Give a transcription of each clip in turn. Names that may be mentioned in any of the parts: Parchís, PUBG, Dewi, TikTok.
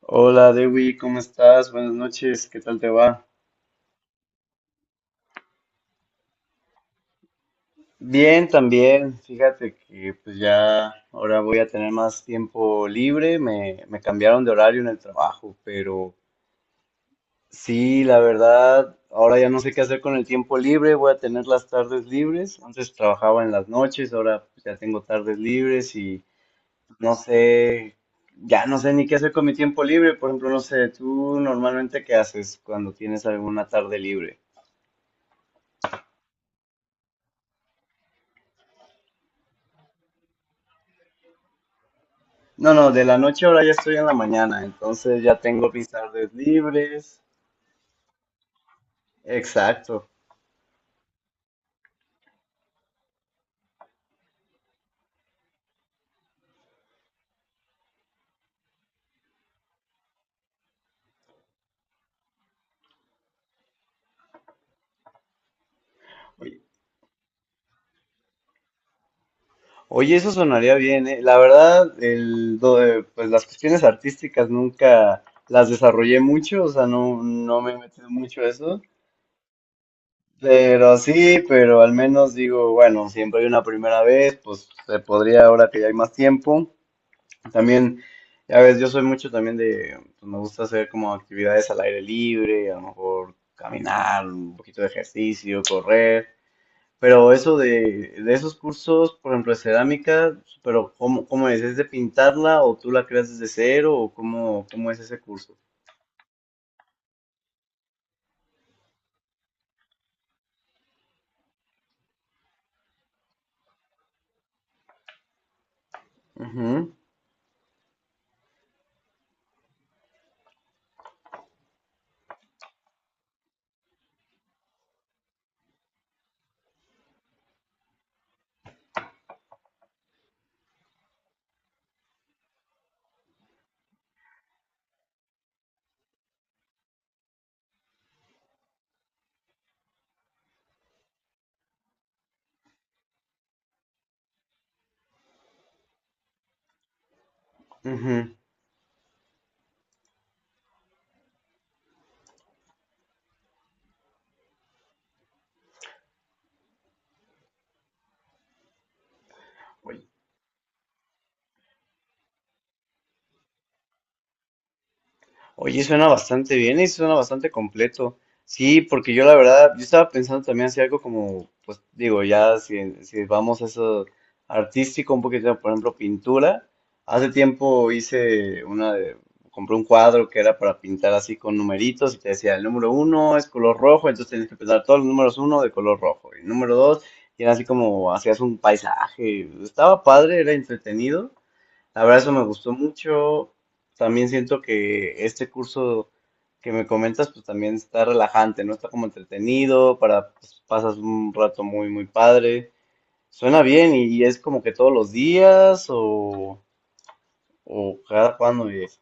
Hola Dewi, ¿cómo estás? Buenas noches, ¿qué tal te va? Bien, también. Fíjate que pues ya ahora voy a tener más tiempo libre. Me cambiaron de horario en el trabajo, pero sí, la verdad, ahora ya no sé qué hacer con el tiempo libre. Voy a tener las tardes libres. Antes trabajaba en las noches, ahora pues, ya tengo tardes libres y no sé, ya no sé ni qué hacer con mi tiempo libre. Por ejemplo, no sé, ¿tú normalmente qué haces cuando tienes alguna tarde libre? No, no, de la noche ahora ya estoy en la mañana, entonces ya tengo mis tardes libres. Exacto. Oye, oye, eso sonaría bien, ¿eh? La verdad, pues las cuestiones artísticas nunca las desarrollé mucho, o sea, no, no me he metido mucho a eso. Pero sí, pero al menos digo, bueno, siempre hay una primera vez, pues se podría ahora que ya hay más tiempo. También, ya ves, yo soy mucho también de, pues, me gusta hacer como actividades al aire libre, a lo mejor caminar, un poquito de ejercicio, correr, pero eso de esos cursos, por ejemplo, de cerámica, pero ¿cómo, cómo es? ¿Es de pintarla o tú la creas desde cero o cómo, cómo es ese curso? Ujú, ujú. Oye, suena bastante bien y suena bastante completo. Sí, porque yo la verdad, yo estaba pensando también hacer algo como, pues digo, ya si, si vamos a eso artístico, un poquito, por ejemplo, pintura. Hace tiempo hice una de, compré un cuadro que era para pintar así con numeritos y te decía, el número uno es color rojo, entonces tenías que pensar todos los números uno de color rojo. Y el número dos, y era así como hacías un paisaje. Estaba padre, era entretenido. La verdad, eso me gustó mucho. También siento que este curso que me comentas, pues también está relajante, ¿no? Está como entretenido, para, pues, pasas un rato muy, muy padre. Suena bien y es como que todos los días o cada cuándo es.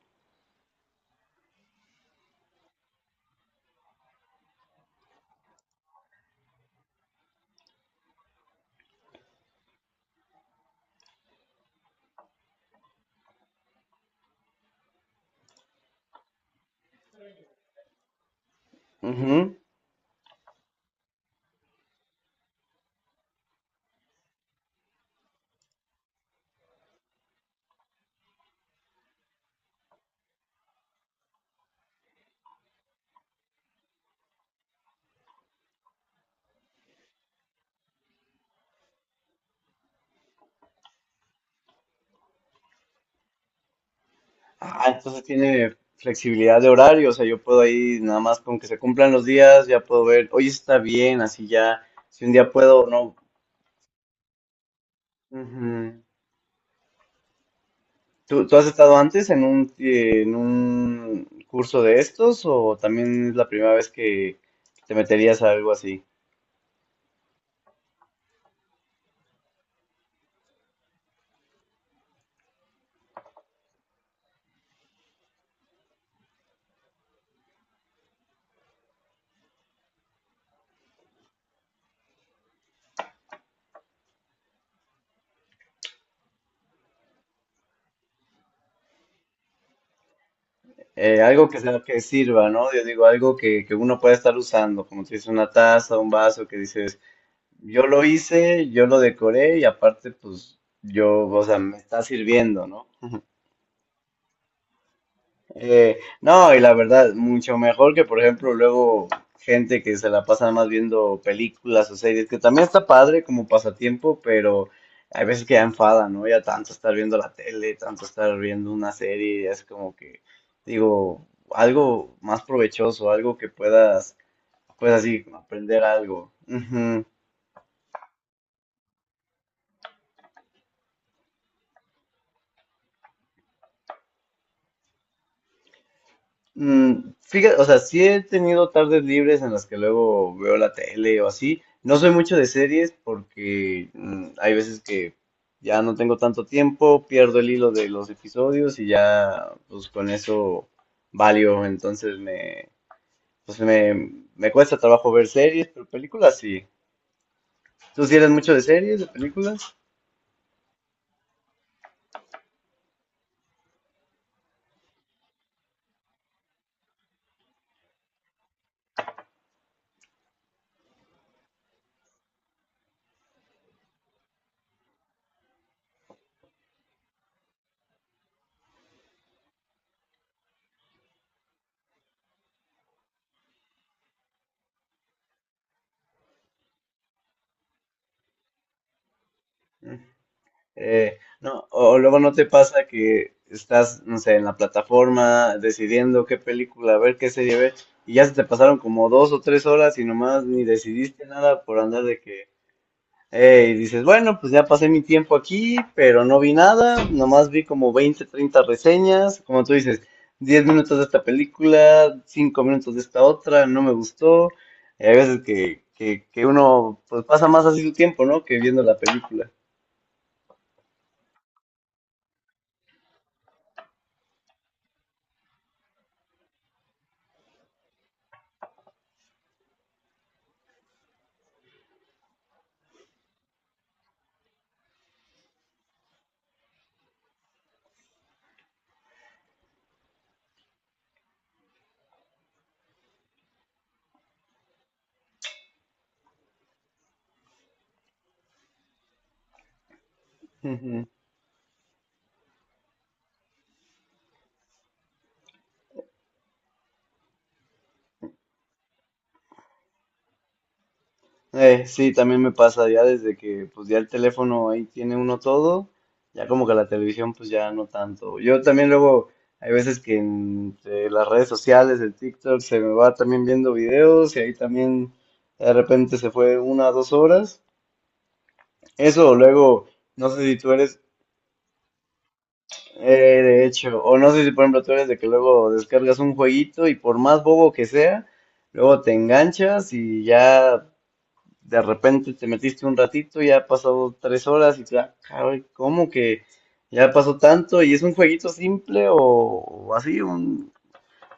Ujú. Ah, entonces tiene flexibilidad de horario, o sea, yo puedo ahí nada más con que se cumplan los días, ya puedo ver, hoy está bien, así ya, si un día puedo o no. Ujú. ¿Tú has estado antes en un curso de estos o también es la primera vez que te meterías a algo así? Algo que sea que sirva, ¿no? Yo digo, algo que uno pueda estar usando, como si es una taza, un vaso, que dices, yo lo hice, yo lo decoré y aparte, pues, yo, o sea, me está sirviendo, ¿no? No, y la verdad, mucho mejor que, por ejemplo, luego gente que se la pasa nada más viendo películas o series, que también está padre como pasatiempo, pero hay veces que ya enfada, ¿no? Ya tanto estar viendo la tele, tanto estar viendo una serie, ya es como que, digo, algo más provechoso, algo que puedas, pues así, aprender algo. Ujú. Mm, fíjate, o sea, sí he tenido tardes libres en las que luego veo la tele o así. No soy mucho de series porque hay veces que ya no tengo tanto tiempo, pierdo el hilo de los episodios y ya pues con eso valio. Pues me cuesta trabajo ver series, pero películas sí. ¿Tú sí eres mucho de series, de películas? No, o luego no te pasa que estás, no sé, en la plataforma decidiendo qué película ver, qué serie ver, y ya se te pasaron como dos o tres horas y nomás ni decidiste nada por andar de que, y dices, bueno, pues ya pasé mi tiempo aquí, pero no vi nada, nomás vi como 20 30 reseñas, como tú dices, 10 minutos de esta película, 5 minutos de esta otra, no me gustó, y hay veces que uno pues pasa más así su tiempo, ¿no? Que viendo la película. Sí, también me pasa ya desde que pues ya el teléfono ahí tiene uno todo, ya como que la televisión pues ya no tanto. Yo también luego hay veces que en las redes sociales, el TikTok, se me va también viendo videos y ahí también de repente se fue una o dos horas. Eso luego, no sé si tú eres, eh, de hecho, o no sé si por ejemplo tú eres de que luego descargas un jueguito y por más bobo que sea, luego te enganchas y ya de repente te metiste un ratito, ya ha pasado tres horas y te da, caray, ¿cómo que ya pasó tanto? ¿Y es un jueguito simple o así? Un,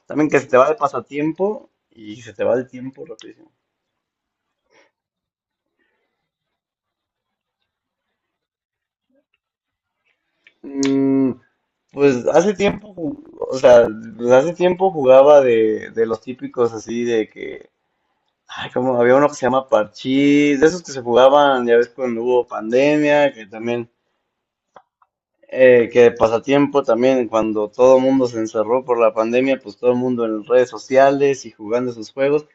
también que se te va de pasatiempo y se te va el tiempo rapidísimo. Mm, pues hace tiempo, ju- o sea, pues hace tiempo jugaba de los típicos así de que, ay, como había uno que se llama Parchís, de esos que se jugaban, ya ves, cuando hubo pandemia, que también eh, que pasatiempo también, cuando todo el mundo se encerró por la pandemia, pues todo el mundo en redes sociales y jugando sus juegos,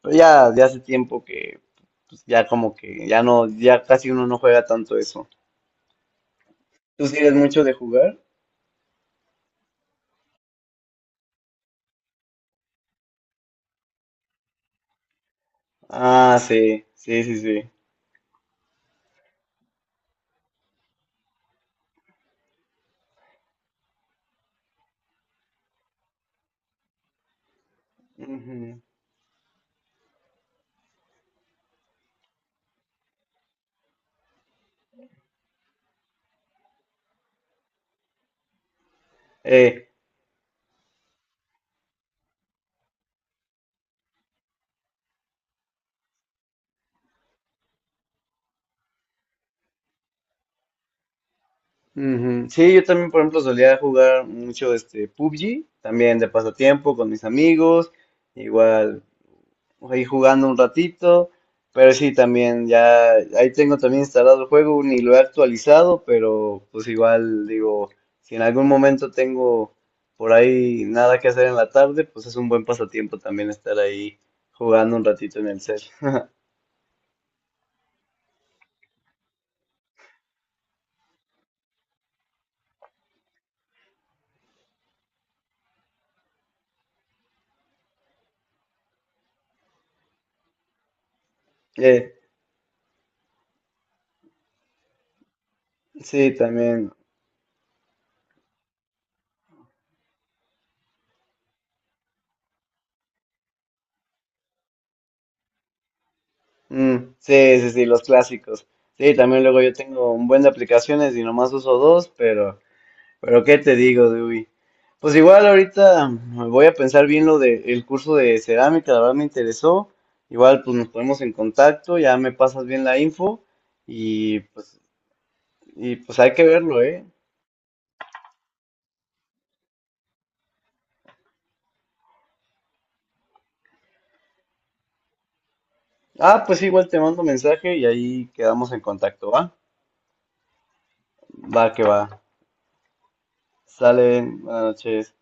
pero ya, ya hace tiempo que pues, ya como que ya no, ya casi uno no juega tanto eso. ¿Tú sí eres mucho de jugar? Ah, sí, sí, sí, sí. Ujú. Eh, ujú. Sí, yo también, por ejemplo, solía jugar mucho este PUBG, también de pasatiempo con mis amigos, igual. Pues, ahí jugando un ratito, pero sí, también ya ahí tengo también instalado el juego, ni lo he actualizado, pero pues igual digo, si en algún momento tengo por ahí nada que hacer en la tarde, pues es un buen pasatiempo también estar ahí jugando un ratito en el cel. Eh, sí, también. Mm, sí, sí, sí, los clásicos. Sí, también luego yo tengo un buen de aplicaciones y nomás uso dos, pero qué te digo, Dewey. Pues igual ahorita voy a pensar bien lo del curso de cerámica, la verdad me interesó. Igual pues nos ponemos en contacto, ya me pasas bien la info y pues y pues hay que verlo, ¿eh? Ah, pues igual te mando mensaje y ahí quedamos en contacto, ¿va? Va que va. Salen, buenas noches.